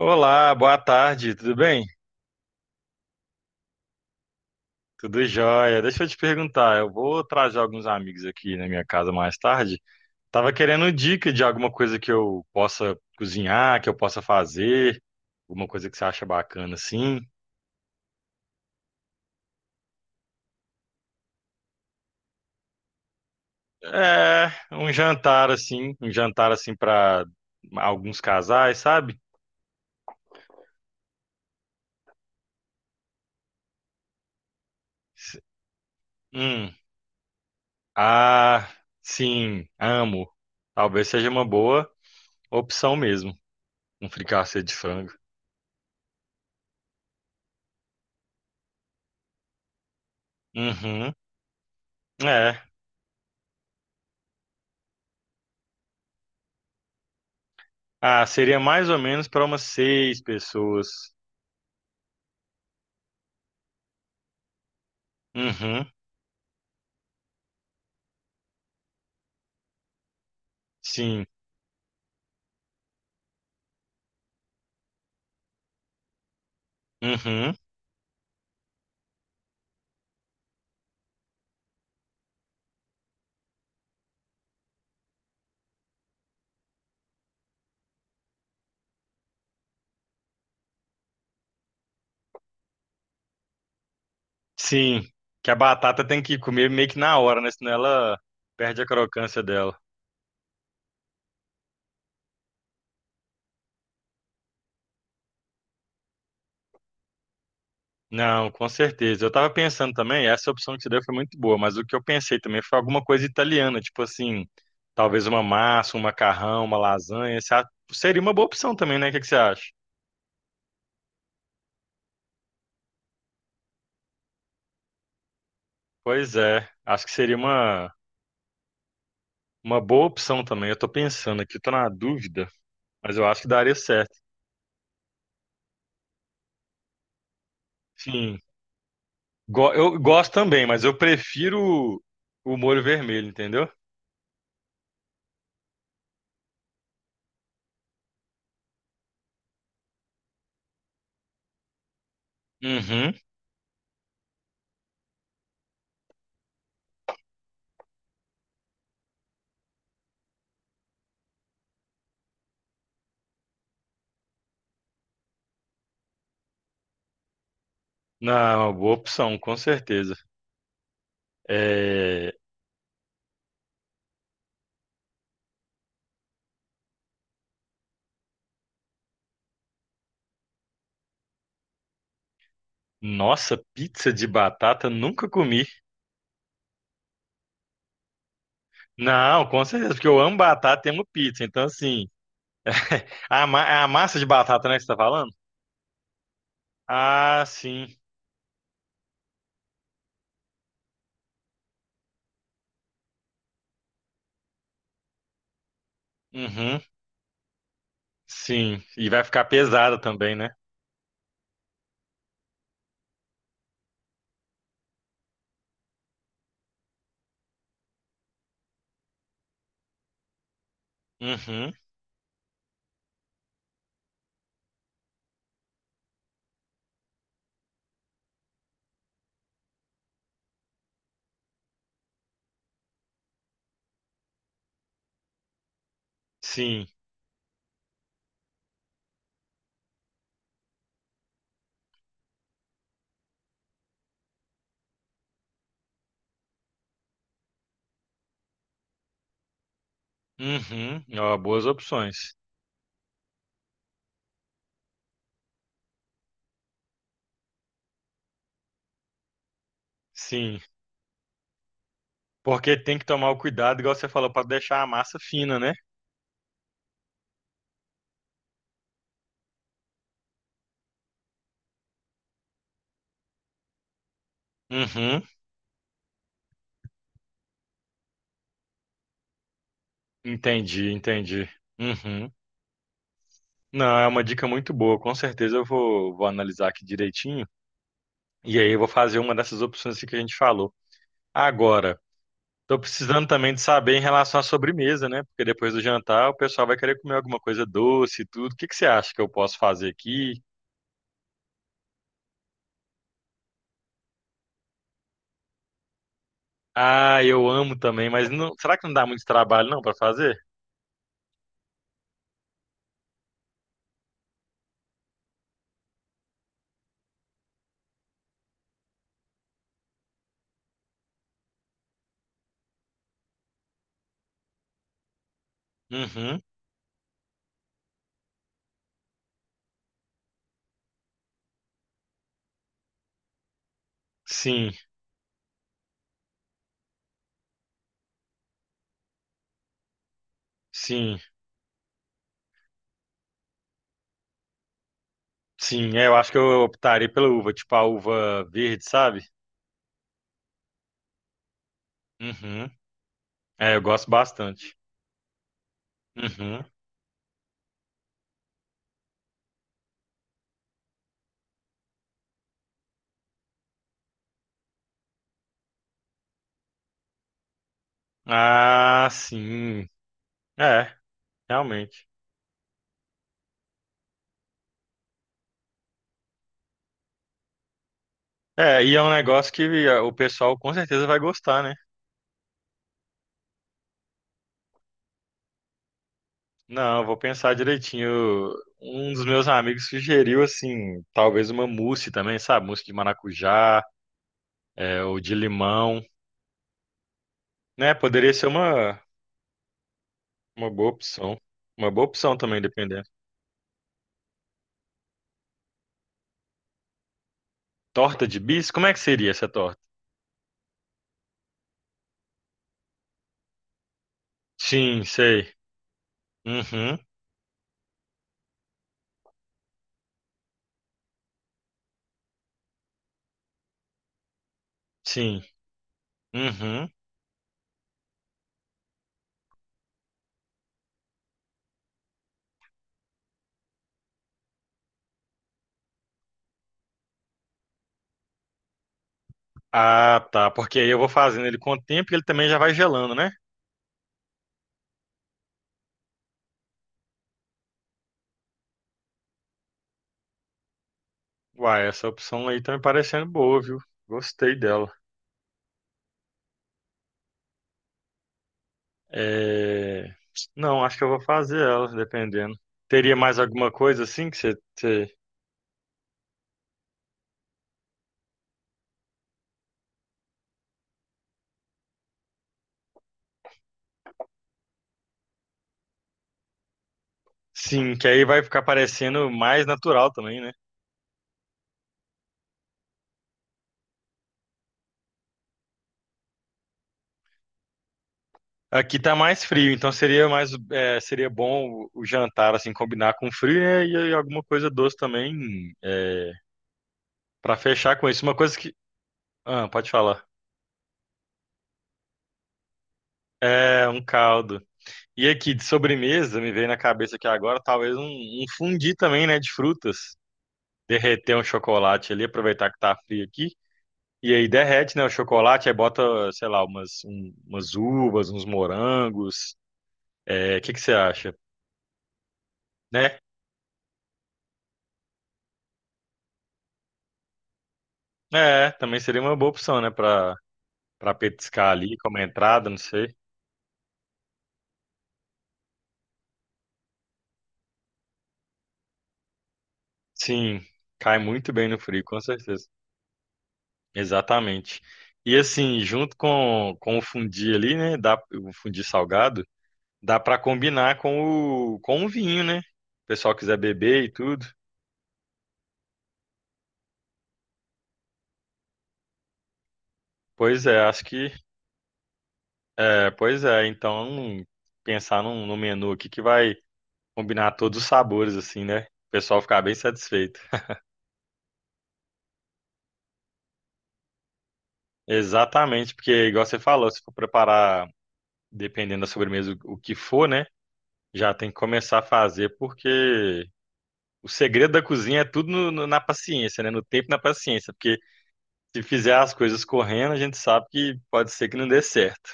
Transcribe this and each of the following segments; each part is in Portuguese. Olá, boa tarde, tudo bem? Tudo jóia. Deixa eu te perguntar, eu vou trazer alguns amigos aqui na minha casa mais tarde. Tava querendo dica de alguma coisa que eu possa cozinhar, que eu possa fazer, alguma coisa que você acha bacana assim. É, um jantar assim para alguns casais, sabe? S- Hum, ah, sim, amo. Talvez seja uma boa opção mesmo, um fricassê de frango. Uhum, é. Ah, seria mais ou menos para umas 6 pessoas. Uhum, sim. Uhum, sim. Que a batata tem que comer meio que na hora, né? Senão ela perde a crocância dela. Não, com certeza. Eu tava pensando também, essa opção que você deu foi muito boa, mas o que eu pensei também foi alguma coisa italiana, tipo assim, talvez uma massa, um macarrão, uma lasanha. Seria uma boa opção também, né? O que que você acha? Pois é, acho que seria uma boa opção também. Eu tô pensando aqui, eu tô na dúvida, mas eu acho que daria certo. Sim. Eu gosto também, mas eu prefiro o molho vermelho, entendeu? Uhum. Não, é uma boa opção, com certeza. É... Nossa, pizza de batata nunca comi. Não, com certeza, porque eu amo batata e amo pizza. Então, assim, é a massa de batata, né, que você tá falando? Ah, sim. Uhum. Sim. E vai ficar pesada também, né? Uhum. Sim. Uhum. Ó, boas opções. Sim. Porque tem que tomar o cuidado, igual você falou, para deixar a massa fina, né? Uhum, entendi. Uhum. Não, é uma dica muito boa. Com certeza eu vou analisar aqui direitinho. E aí eu vou fazer uma dessas opções aqui que a gente falou. Agora, tô precisando também de saber em relação à sobremesa, né? Porque depois do jantar o pessoal vai querer comer alguma coisa doce e tudo. O que que você acha que eu posso fazer aqui? Ah, eu amo também, mas será que não dá muito trabalho não para fazer? Uhum. Sim, sim, sim. É, eu acho que eu optaria pela uva, tipo a uva verde, sabe? Uhum. É, eu gosto bastante. Uhum. Ah, sim. É, realmente. É, e é um negócio que o pessoal com certeza vai gostar, né? Não, eu vou pensar direitinho. Um dos meus amigos sugeriu, assim, talvez uma mousse também, sabe? Mousse de maracujá, é, ou de limão, né? Poderia ser uma boa opção. Uma boa opção também, dependendo. Torta de bis? Como é que seria essa torta? Sim, sei. Uhum, sim. Uhum. Ah, tá. Porque aí eu vou fazendo ele com o tempo e ele também já vai gelando, né? Uai, essa opção aí tá me parecendo boa, viu? Gostei dela. É... Não, acho que eu vou fazer ela, dependendo. Teria mais alguma coisa assim que você? Sim, que aí vai ficar parecendo mais natural também, né? Aqui tá mais frio, então seria mais, é, seria bom o jantar assim combinar com frio, né? E aí alguma coisa doce também, é, para fechar com isso. Uma coisa que, ah, pode falar. É um caldo. E aqui de sobremesa, me veio na cabeça aqui agora, talvez um fundi também, né, de frutas. Derreter um chocolate ali, aproveitar que tá frio aqui. E aí derrete, né, o chocolate, aí bota, sei lá, umas, umas uvas, uns morangos. É, o que que você acha? Né? É, também seria uma boa opção, né, pra petiscar ali como entrada, não sei. Sim, cai muito bem no frio, com certeza. Exatamente. E assim, junto com o fundi ali, né, dá, o fundi salgado, dá pra combinar com o vinho, né? O pessoal quiser beber e tudo. Pois é, acho que é, pois é, então pensar num menu aqui que vai combinar todos os sabores assim, né? O pessoal ficar bem satisfeito. Exatamente, porque igual você falou, se for preparar dependendo da sobremesa o que for, né? Já tem que começar a fazer porque o segredo da cozinha é tudo na paciência, né? No tempo e na paciência, porque se fizer as coisas correndo, a gente sabe que pode ser que não dê certo.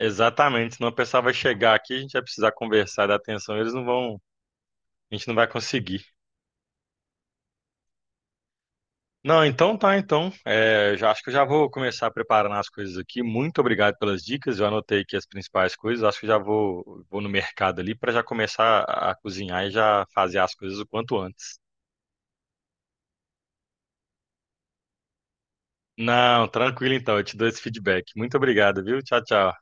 Exatamente, senão o pessoal vai chegar aqui, a gente vai precisar conversar dar atenção, eles não vão, a gente não vai conseguir. Não, então tá, então. É, já acho que eu já vou começar preparando as coisas aqui. Muito obrigado pelas dicas. Eu anotei aqui as principais coisas. Acho que já vou no mercado ali para já começar a cozinhar e já fazer as coisas o quanto antes. Não, tranquilo então, eu te dou esse feedback. Muito obrigado, viu? Tchau, tchau.